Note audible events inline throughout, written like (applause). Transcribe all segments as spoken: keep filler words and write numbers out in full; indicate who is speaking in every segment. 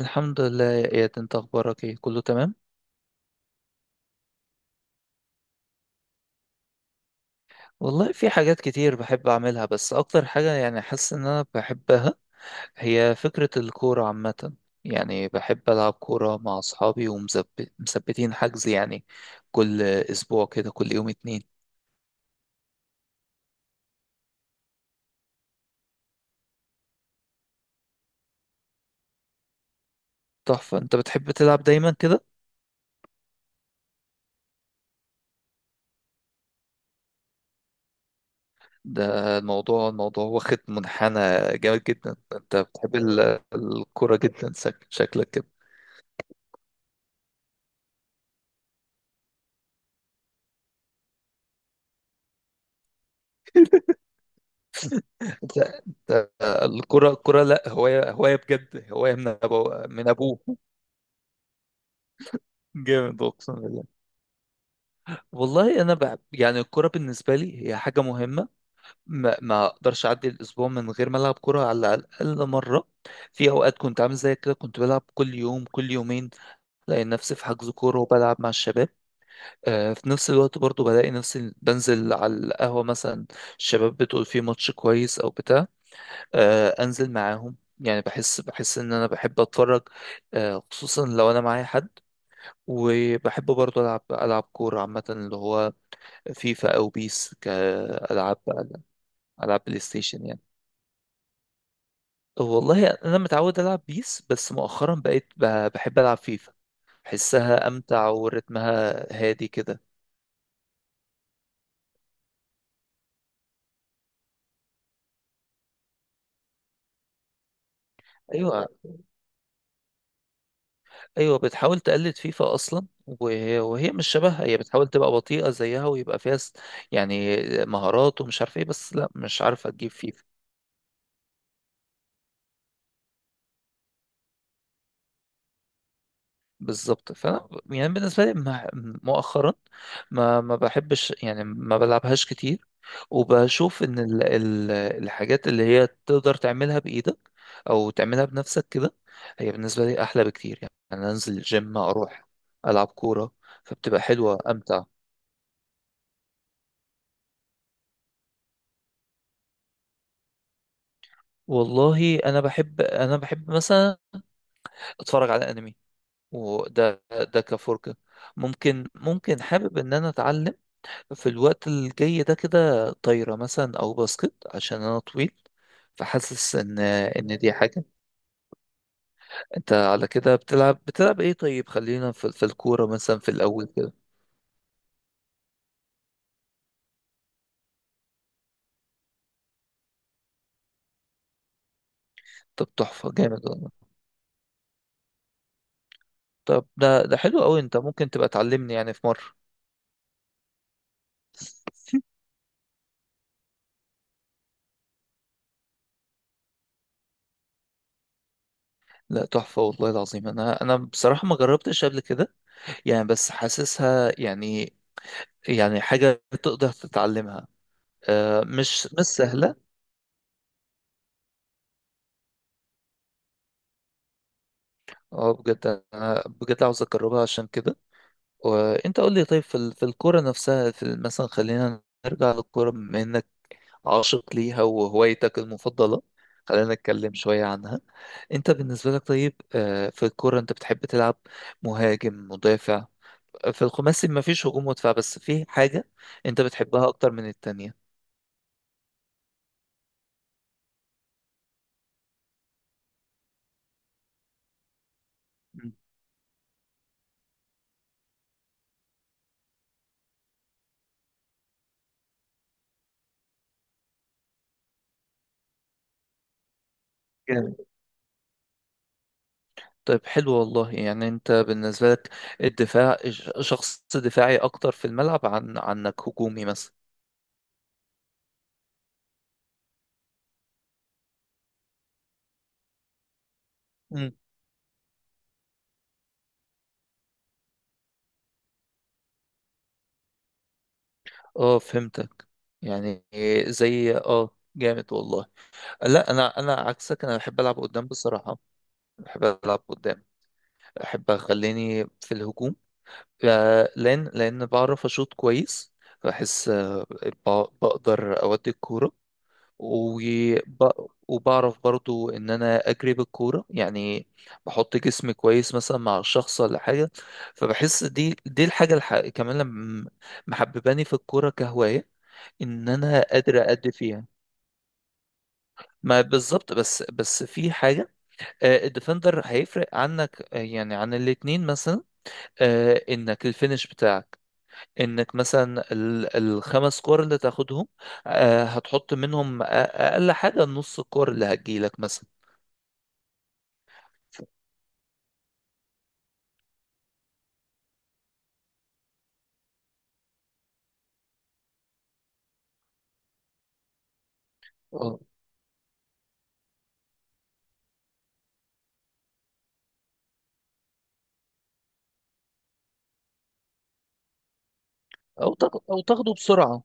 Speaker 1: الحمد لله يا اياد، انت اخبارك ايه؟ كله تمام؟ والله في حاجات كتير بحب اعملها، بس اكتر حاجة يعني حاسس ان انا بحبها هي فكرة الكورة عامة. يعني بحب العب كورة مع اصحابي ومثبتين حجز، يعني كل اسبوع كده كل يوم اتنين. تحفة، انت بتحب تلعب دايما كده. ده الموضوع الموضوع واخد منحنى جامد جدا، انت بتحب ال- الكورة جدا، شك- شكلك كده. ده- ده الكرة الكرة لا هواية، هواية بجد، هواية من أبو من أبوه. جامد أقسم بالله. والله أنا بحب يعني الكرة بالنسبة لي هي حاجة مهمة، ما, ما أقدرش أعدي الأسبوع من غير ما ألعب كرة على الأقل مرة. في أوقات كنت عامل زي كده كنت بلعب كل يوم كل يومين، بلاقي نفسي في حجز كورة وبلعب مع الشباب. آه، في نفس الوقت برضو بلاقي نفسي بنزل على القهوة مثلا، الشباب بتقول فيه ماتش كويس أو بتاع، آه، انزل معاهم. يعني بحس بحس ان انا بحب اتفرج، آه، خصوصا لو انا معايا حد. وبحب برضه العب العب كوره عامه، اللي هو فيفا او بيس، كالعاب، العاب بلاي ستيشن يعني. والله انا متعود العب بيس، بس مؤخرا بقيت ب- بحب العب فيفا، بحسها امتع ورتمها هادي كده. ايوه، ايوه، بتحاول تقلد فيفا اصلا، وهي, وهي مش شبهها. هي بتحاول تبقى بطيئه زيها ويبقى فيها س- يعني مهارات ومش عارف ايه، بس لا مش عارفه تجيب فيفا. بالظبط، فانا يعني بالنسبه لي مع- مؤخرا ما ما بحبش، يعني ما بلعبهاش كتير. وبشوف ان ال ال الحاجات اللي هي تقدر تعملها بايدك او تعملها بنفسك كده هي بالنسبه لي احلى بكتير. يعني انا انزل الجيم اروح العب كوره فبتبقى حلوه امتع. والله انا بحب، انا بحب مثلا اتفرج على انمي، وده ده كفرجة. ممكن ممكن حابب ان انا اتعلم في الوقت الجاي ده كده طايرة مثلا او باسكت عشان انا طويل، فحاسس ان ان دي حاجة. انت على كده بتلعب بتلعب ايه؟ طيب خلينا في, في الكورة مثلا في الاول كده. طب تحفة، جامد والله. طب ده ده حلو قوي، انت ممكن تبقى تعلمني يعني في مرة. (laughs) لا تحفة والله العظيم، انا انا بصراحة ما جربتش قبل كده، يعني بس حاسسها يعني، يعني حاجة تقدر تتعلمها، آه، مش مش سهلة. اه بجد، أنا بجد عاوز أجربها عشان كده. وأنت قول لي، طيب في ال- في الكورة نفسها، في ال- مثلا خلينا نرجع للكورة بما إنك عاشق ليها وهوايتك المفضلة، خلينا نتكلم شوية عنها. أنت بالنسبة لك طيب، آه، في الكورة أنت بتحب تلعب مهاجم، مدافع؟ في الخماسي مفيش هجوم ودفاع، بس في حاجة أنت بتحبها أكتر من التانية. مم. طيب حلو والله. يعني انت بالنسبة لك الدفاع، ش- شخص دفاعي اكتر في الملعب، عن عنك هجومي مثلا؟ مم. اه فهمتك، يعني زي، اه جامد والله. لا انا، انا عكسك، انا بحب العب قدام بصراحة. بحب العب قدام، بحب اخليني في الهجوم، آه، لان لان بعرف اشوط كويس، بحس آه، ب- بقدر اودي الكورة، وب... وبعرف برضو ان انا اجري بالكوره يعني، بحط جسمي كويس مثلا مع الشخص ولا حاجه. فبحس دي دي الحاجه الح... كمان لما محبباني في الكوره كهوايه ان انا قادر ادي فيها. ما بالظبط، بس بس في حاجه، آه، الديفندر هيفرق عنك، آه، يعني عن الاتنين مثلا، آه، انك الفينش بتاعك، انك مثلا ال- الخمس كور اللي تاخدهم، آه، هتحط منهم أ- اقل حاجه نص الكور اللي هتجيلك مثلا. أو أو تاخ- أو تاخده بسرعة.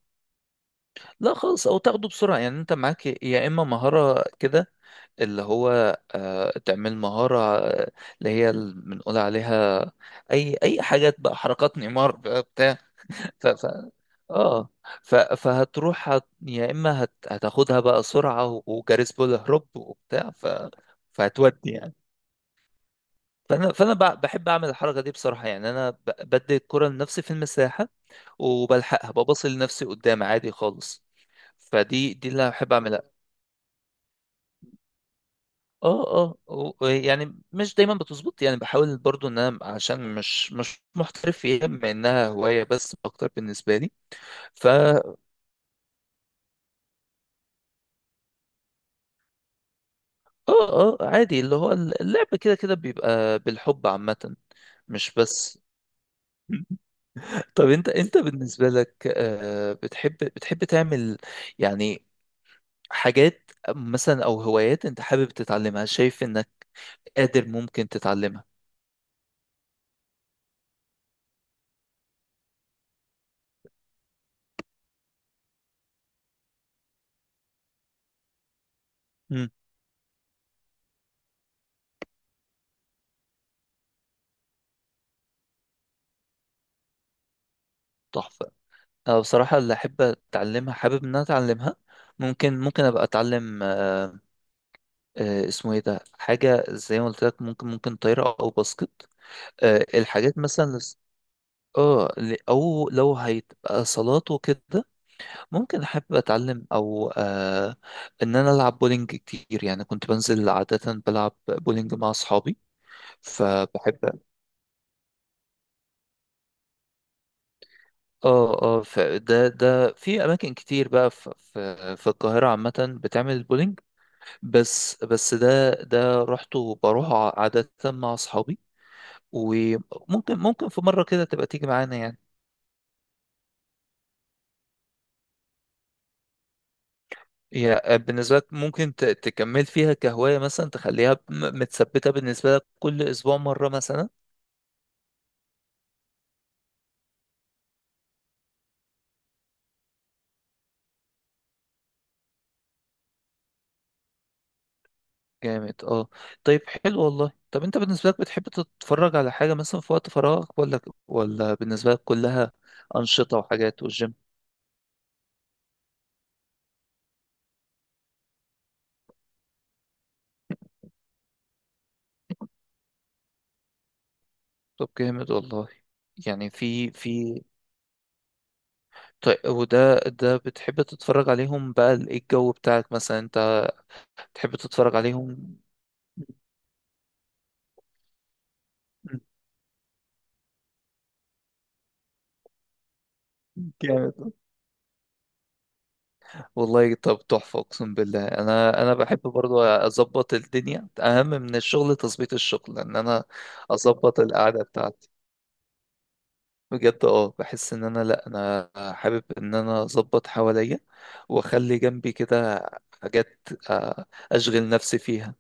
Speaker 1: لا خالص، أو تاخده بسرعة. يعني أنت معاك يا إما مهارة كده، اللي هو آه، تعمل مهارة، آه، اللي هي ال- بنقول عليها أي أي حاجات بقى، حركات نيمار بقى بتاع. ف ف اه ف فهتروح، هت... يا إما هت... هتاخدها بقى سرعة، و- وجاريس بول هروب وبتاع، ف فهتودي يعني. فأنا فأنا ب- بحب أعمل الحركة دي بصراحة، يعني أنا ب- بدي الكرة لنفسي في المساحة وبلحقها ببص لنفسي قدام عادي خالص. فدي دي اللي بحب اعملها. اه، اه، و- يعني مش دايما بتظبط. يعني بحاول برضو ان انا، عشان مش مش محترف فيها بما انها هواية بس اكتر بالنسبة لي. ف اه اه عادي، اللي هو اللعب كده كده بيبقى بالحب عامة، مش بس. (laughs) طب انت، انت بالنسبة لك آه، بتحب، بتحب تعمل يعني حاجات مثلا او هوايات انت حابب تتعلمها شايف انك قادر ممكن تتعلمها؟ تحفة. أنا بصراحة اللي أحب أتعلمها، حابب إن أنا أتعلمها، ممكن ممكن أبقى أتعلم، آه، آه، اسمه إيه ده، حاجة زي ما قلت لك، ممكن ممكن طايرة أو باسكت، آه، الحاجات مثلا، لس- اه، ل- أو لو هيبقى صالات وكده ممكن أحب أتعلم، أو آه، إن أنا ألعب بولينج كتير. يعني كنت بنزل عادة بلعب بولينج مع أصحابي فبحب. اه، اه، فده ده في أماكن كتير بقى في في في القاهرة عامة بتعمل بولينج. بس بس ده ده رحته بروح عادة مع أصحابي، وممكن ممكن في مرة كده تبقى تيجي معانا يعني. هي بالنسبة لك ممكن ت- تكمل فيها كهواية مثلا، تخليها م- متثبتة بالنسبة لك كل أسبوع مرة مثلا؟ جامد اه. طيب حلو والله. طب أنت بالنسبة لك بتحب تتفرج على حاجة مثلا في وقت فراغك، ولا ولا بالنسبة لك كلها أنشطة وحاجات والجيم؟ طب جامد والله. يعني في في طيب وده ده بتحب تتفرج عليهم بقى، ال- ايه الجو بتاعك مثلا انت تحب تتفرج عليهم؟ جامد والله. طب تحفة اقسم بالله، انا، انا بحب برضو اظبط الدنيا اهم من الشغل، تظبيط الشغل ان انا اظبط القعدة بتاعتي. بجد اه، بحس ان انا لا، انا حابب ان انا اظبط حواليا واخلي جنبي كده حاجات، آه، اشغل نفسي فيها.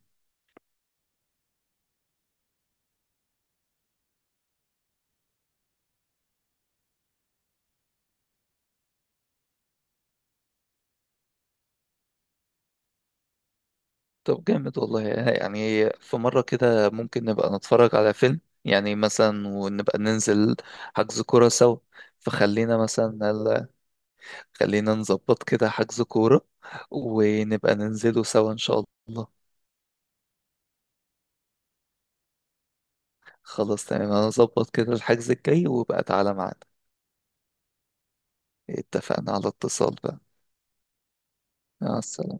Speaker 1: طب جامد والله. يعني في مرة كده ممكن نبقى نتفرج على فيلم يعني مثلا ونبقى ننزل حجز كورة سوا، فخلينا مثلا ال- خلينا نظبط كده حجز كورة ونبقى ننزله سوا إن شاء الله. خلاص تمام، أنا أظبط كده الحجز الجاي وبقى تعالى معانا. اتفقنا على اتصال بقى. مع السلامة.